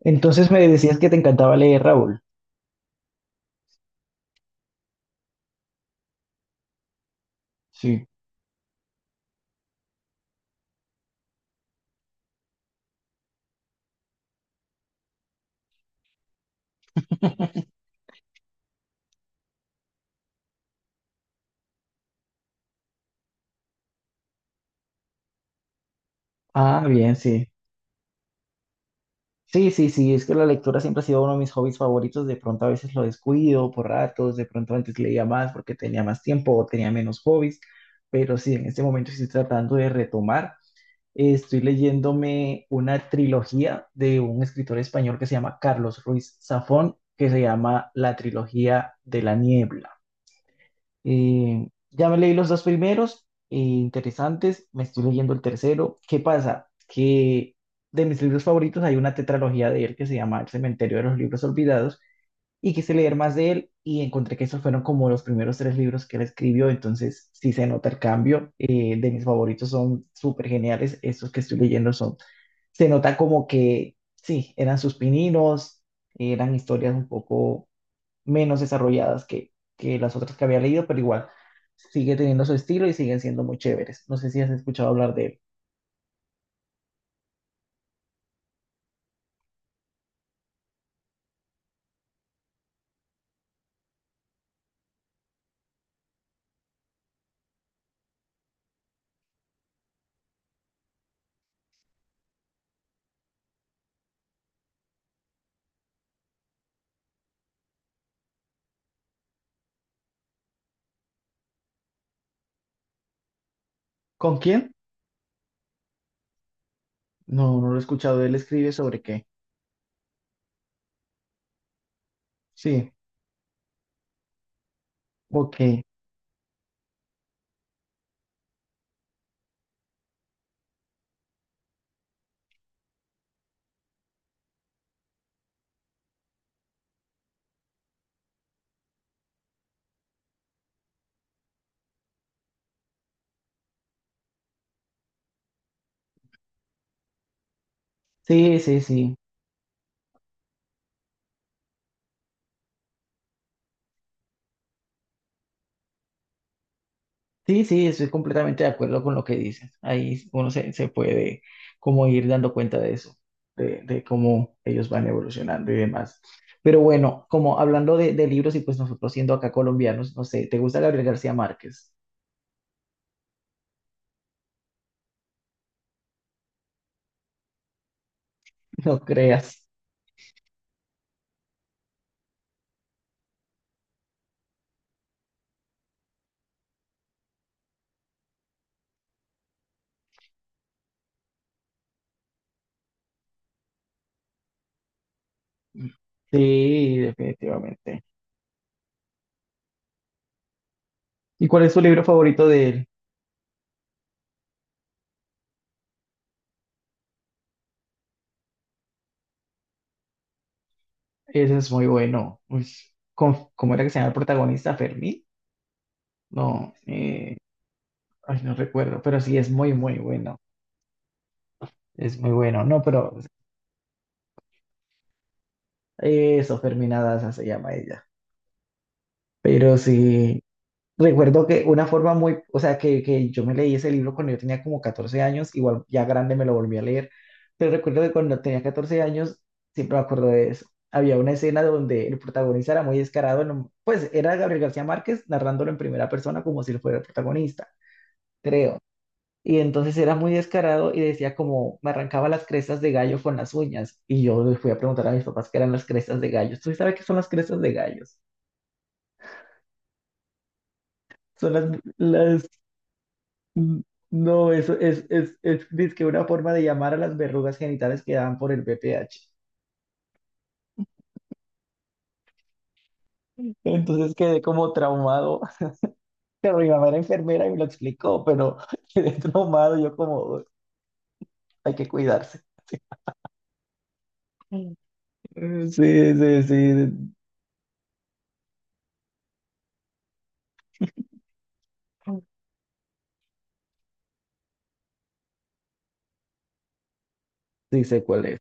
Entonces me decías que te encantaba leer, Raúl. Sí. Ah, bien, sí. Sí, sí, sí, es que la lectura siempre ha sido uno de mis hobbies favoritos. De pronto a veces lo descuido por ratos, de pronto antes leía más porque tenía más tiempo o tenía menos hobbies, pero sí, en este momento estoy tratando de retomar. Estoy leyéndome una trilogía de un escritor español que se llama Carlos Ruiz Zafón, que se llama La trilogía de la niebla. Eh, ya me leí los dos primeros, interesantes, me estoy leyendo el tercero. ¿Qué pasa? Que de mis libros favoritos hay una tetralogía de él que se llama El cementerio de los libros olvidados y quise leer más de él y encontré que esos fueron como los primeros tres libros que él escribió, entonces sí se nota el cambio. De mis favoritos son súper geniales, estos que estoy leyendo son, se nota como que sí, eran sus pininos, eran historias un poco menos desarrolladas que las otras que había leído, pero igual sigue teniendo su estilo y siguen siendo muy chéveres. No sé si has escuchado hablar de él. ¿Con quién? No, no lo he escuchado. Él escribe sobre qué. Sí, ok. Sí, sí, sí. Sí, sí, estoy completamente de acuerdo con lo que dices. Ahí uno se puede como ir dando cuenta de eso, de cómo ellos van evolucionando y demás. Pero bueno, como hablando de libros y pues nosotros siendo acá colombianos, no sé, ¿te gusta Gabriel García Márquez? No creas. Sí, definitivamente. ¿Y cuál es tu libro favorito de él? Ese es muy bueno. Uy, ¿Cómo era que se llama el protagonista? ¿Fermín? No, ay, no recuerdo, pero sí, es muy, muy bueno. Es muy bueno. No, pero eso, Fermín Daza se llama ella. Pero sí, recuerdo que una forma muy, o sea, que yo me leí ese libro cuando yo tenía como 14 años, igual ya grande me lo volví a leer, pero recuerdo que cuando tenía 14 años, siempre me acuerdo de eso. Había una escena donde el protagonista era muy descarado, pues era Gabriel García Márquez narrándolo en primera persona como si él fuera el protagonista, creo. Y entonces era muy descarado y decía como me arrancaba las crestas de gallo con las uñas. Y yo le fui a preguntar a mis papás qué eran las crestas de gallos. ¿Tú sabes qué son las crestas de gallos? Son las N- no, eso es, dizque una forma de llamar a las verrugas genitales que dan por el BPH. Entonces quedé como traumado. Pero mi mamá era enfermera y me lo explicó, pero quedé traumado. Yo como, hay que cuidarse. Mm. Sí, sí, sí. Sí sé cuál es.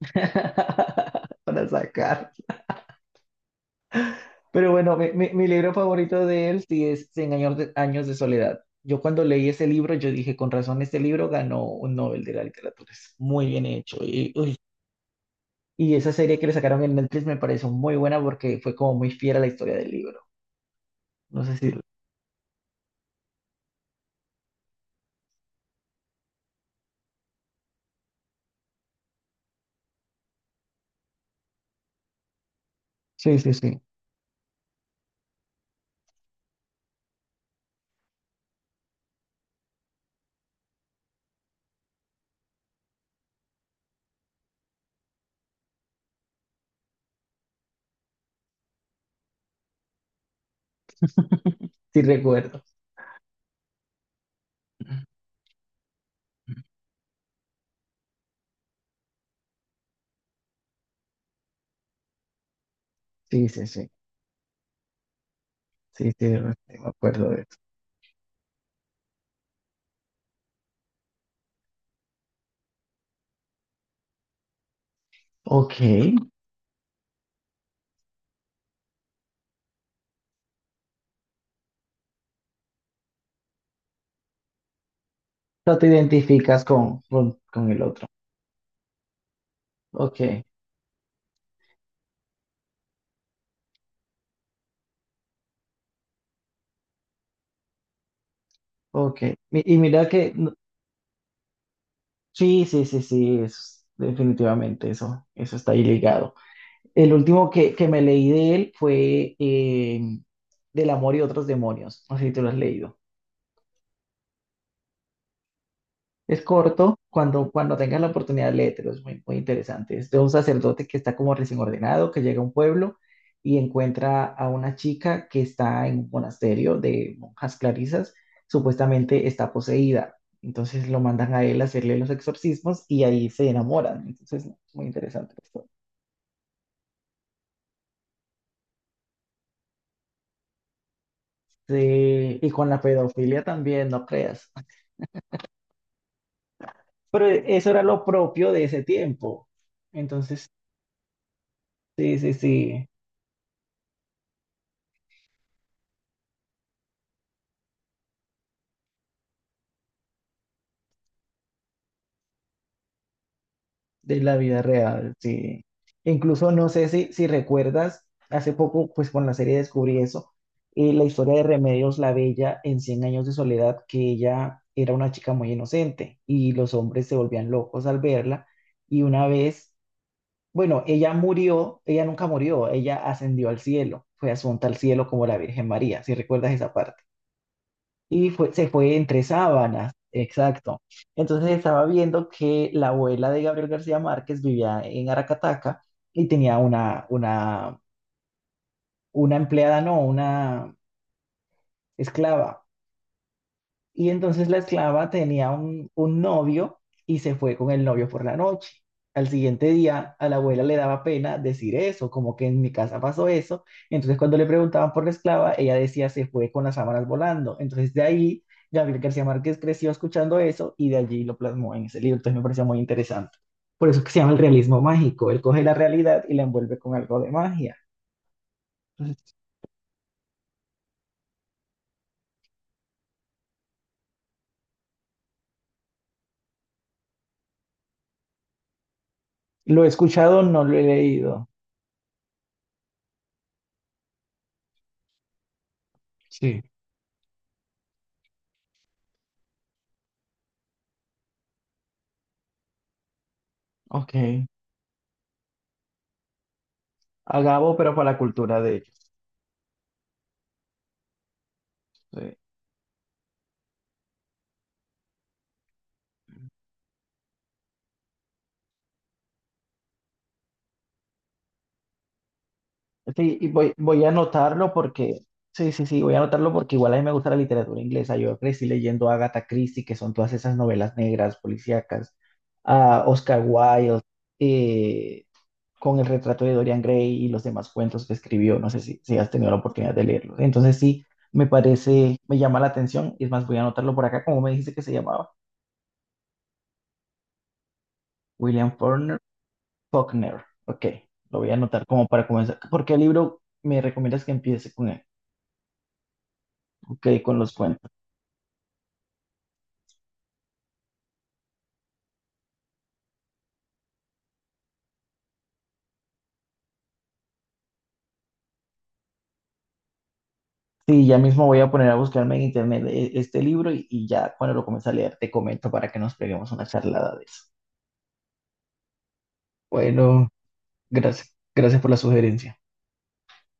Para sacar. Pero bueno, mi libro favorito de él sí es Cien años de años de soledad. Yo cuando leí ese libro, yo dije, con razón, este libro ganó un Nobel de la literatura. Es muy bien hecho. Y uy, y esa serie que le sacaron en Netflix me pareció muy buena porque fue como muy fiel a la historia del libro. No sé si... Sí, sí, sí. Sí recuerdo. Sí, sí, sí. Sí, sí, sí, me acuerdo de eso. Ok. No te identificas con el otro. Ok, ok. Y mira que... sí, sí, sí, sí. Definitivamente eso. Eso está ahí ligado. El último que me leí de él fue Del amor y otros demonios. No sé si tú lo has leído. Es corto, cuando tengas la oportunidad, léetelo, es muy, muy interesante. Es de un sacerdote que está como recién ordenado, que llega a un pueblo y encuentra a una chica que está en un monasterio de monjas clarisas, supuestamente está poseída. Entonces lo mandan a él a hacerle los exorcismos y ahí se enamoran. Entonces, no, muy interesante esto. Sí, y con la pedofilia también, no creas. Pero eso era lo propio de ese tiempo. Entonces, sí, sí, sí. De la vida real, sí. Incluso no sé si recuerdas, hace poco, pues con la serie descubrí eso, la historia de Remedios la Bella en cien años de soledad, que ella era una chica muy inocente y los hombres se volvían locos al verla. Y una vez, bueno, ella murió, ella nunca murió, ella ascendió al cielo, fue asunta al cielo como la Virgen María, si recuerdas esa parte y fue, se fue entre sábanas, exacto. Entonces estaba viendo que la abuela de Gabriel García Márquez vivía en Aracataca y tenía una empleada, no, una esclava. Y entonces la esclava tenía un novio y se fue con el novio por la noche. Al siguiente día, a la abuela le daba pena decir eso, como que en mi casa pasó eso. Entonces, cuando le preguntaban por la esclava, ella decía se fue con las sábanas volando. Entonces, de ahí, Gabriel García Márquez creció escuchando eso y de allí lo plasmó en ese libro. Entonces, me pareció muy interesante. Por eso es que se llama el realismo mágico. Él coge la realidad y la envuelve con algo de magia. Entonces, lo he escuchado, no lo he leído. Sí, ok. A Gabo, pero para la cultura de sí, sí, y voy, voy a anotarlo porque, sí, sí, sí, voy a anotarlo porque igual a mí me gusta la literatura inglesa. Yo crecí leyendo a Agatha Christie, que son todas esas novelas negras, policíacas, a Oscar Wilde, eh, con el retrato de Dorian Gray y los demás cuentos que escribió. No sé si has tenido la oportunidad de leerlos. Entonces sí, me parece, me llama la atención. Y es más, voy a anotarlo por acá, como me dijiste que se llamaba, William Faulkner. Faulkner. Ok, lo voy a anotar como para comenzar. ¿Por qué libro me recomiendas que empiece con él? Ok, con los cuentos. Sí, ya mismo voy a poner a buscarme en internet este libro y ya cuando lo comience a leer te comento para que nos peguemos una charlada de eso. Bueno, gracias. Gracias por la sugerencia.